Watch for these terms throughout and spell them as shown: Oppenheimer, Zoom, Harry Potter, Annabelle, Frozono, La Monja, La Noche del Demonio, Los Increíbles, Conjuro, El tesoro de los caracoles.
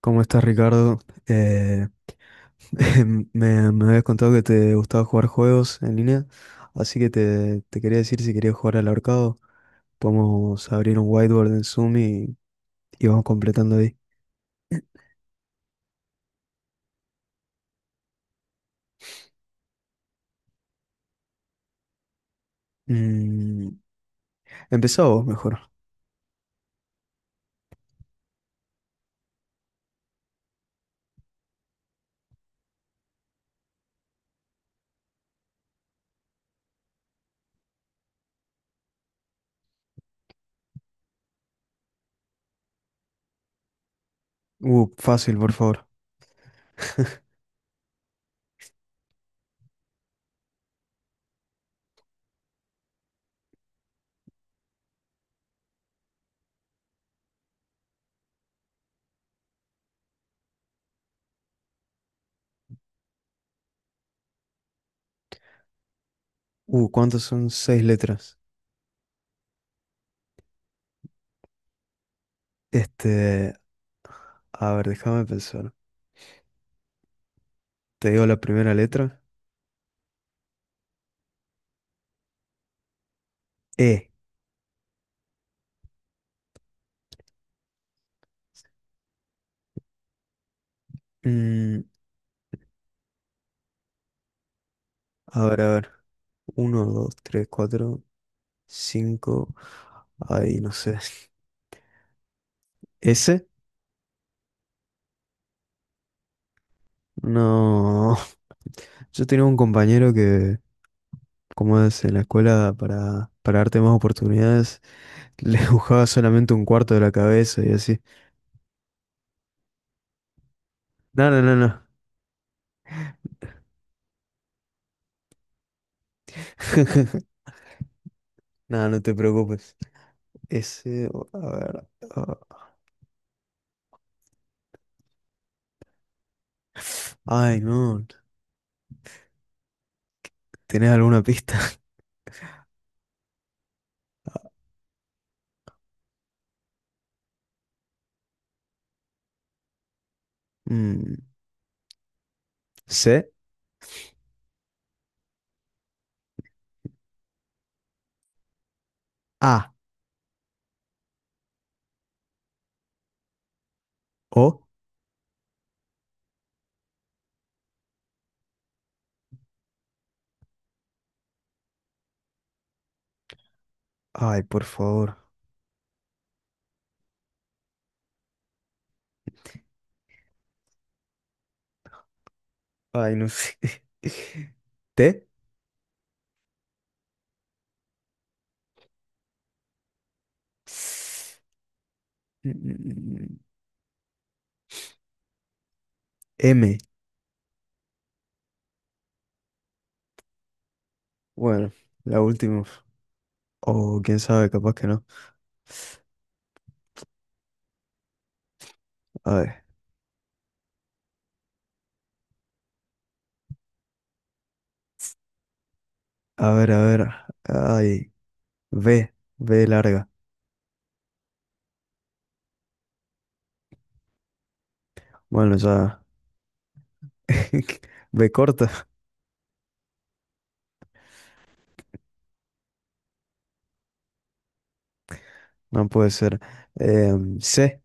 ¿Cómo estás, Ricardo? Eh, me habías contado que te gustaba jugar juegos en línea, así que te quería decir si querías jugar al ahorcado. Podemos abrir un whiteboard en Zoom y vamos completando ahí. Mm, empezá vos, mejor. Fácil, por favor. ¿Cuántos son 6 letras? Este, a ver, déjame pensar. Te digo la primera letra. E. Mm, a ver, a ver. Uno, dos, tres, cuatro, cinco. Ahí, no sé. S. No, yo tenía un compañero que, como es en la escuela, para darte más oportunidades, le dibujaba solamente un cuarto de la cabeza y así. No, no, no, no. No, no te preocupes. Ese, a ver. ah, Ay, no. ¿Tenés alguna pista? Mm, C, A, O. Ay, por favor. Ay, no sé. T. Mm, mm, mm, M. Bueno, la última. O quién sabe, capaz que no. A ver, a ver, a ver. Ay, B, B larga. Bueno, ya. B corta, no puede ser. Em, C,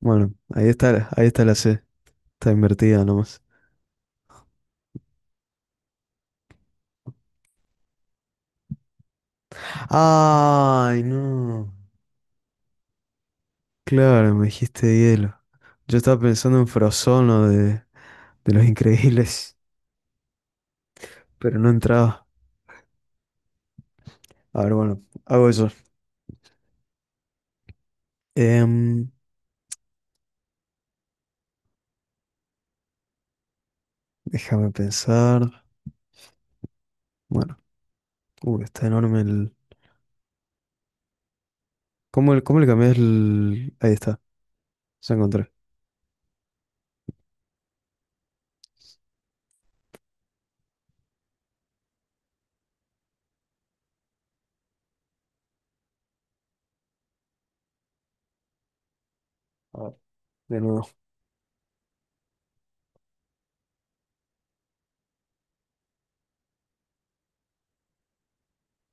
bueno, ahí está la C. Está invertida nomás. Ay, no. Claro, me dijiste hielo. Yo estaba pensando en Frozono de Los Increíbles, pero no entraba. A ver, bueno, hago eso. Em, déjame pensar. Bueno, está enorme el. Cómo le cambias el...? Ahí está, ya encontré. A ver, de nuevo.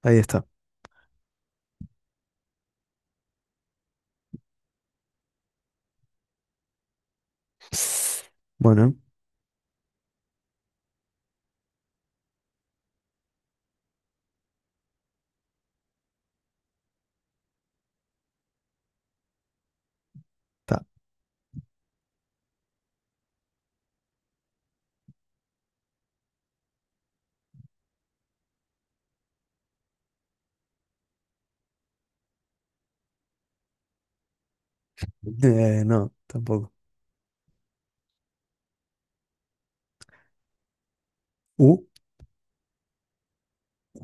Ahí está. Bueno, está. No, tampoco. U,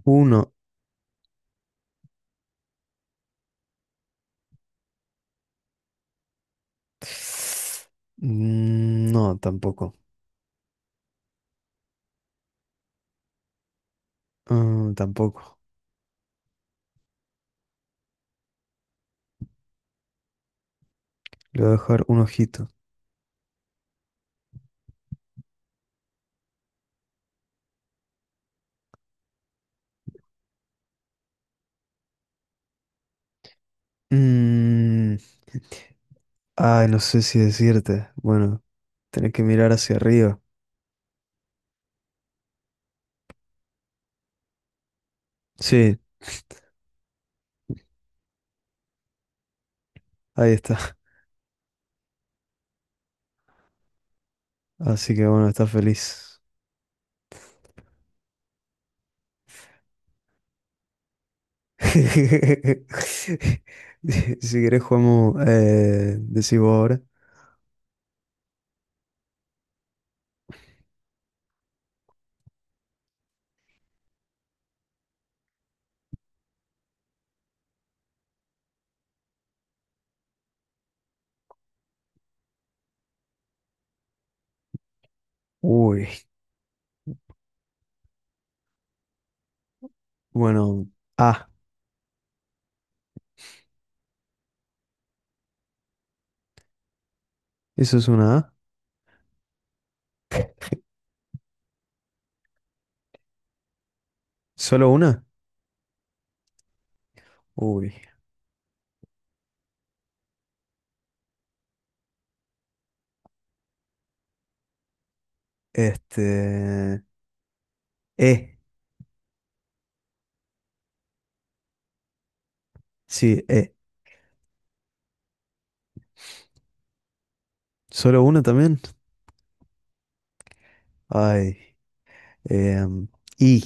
uno. Mm, no, tampoco. Mm, tampoco. Le voy a dejar un ojito. Mm, ay, no sé si decirte. Bueno, tenés que mirar hacia arriba. Sí, ahí está. Así que bueno, está feliz. Si querés jugamos, decís vos ahora. Uy. Bueno, A. ¿Eso es una A? ¿Solo una? Uy. Este. E. Sí, E. ¿Solo una también? Ay. em, I.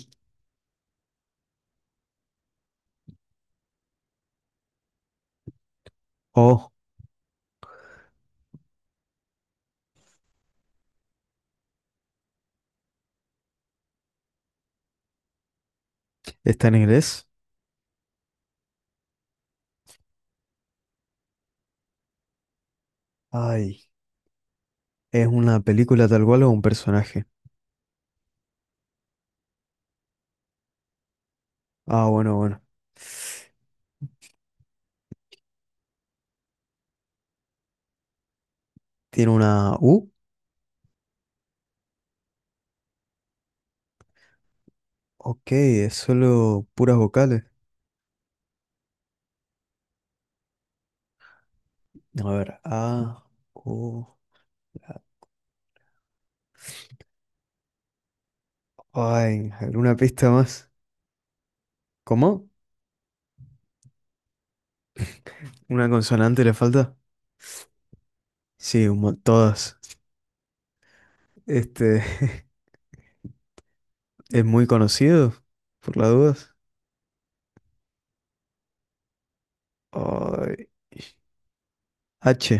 O. ¿Está en inglés? Ay. ¿Es una película tal cual o un personaje? Ah, bueno, bueno. ¿Tiene una U? Ok, es solo puras vocales. A ver, A. U. Ay, ¿alguna pista más? ¿Cómo? ¿Una consonante le falta? Sí, un mo- todas. Este es muy conocido, por las dudas. Ay, H.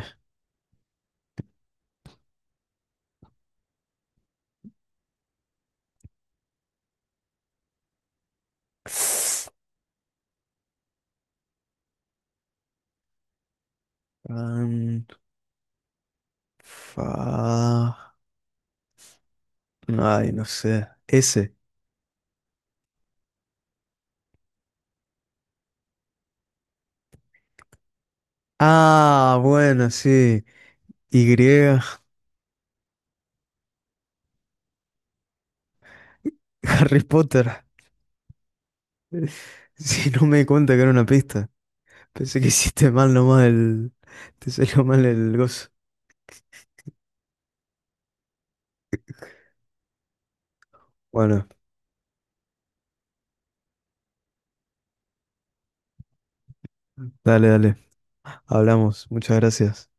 Fan, fa. Ay, no sé. S. Ah, bueno, sí. Y. Harry Potter. Si no me di cuenta que era una pista. Pensé que hiciste mal nomás el. Te salió mal el gozo. Bueno, dale, dale. Hablamos. Muchas gracias.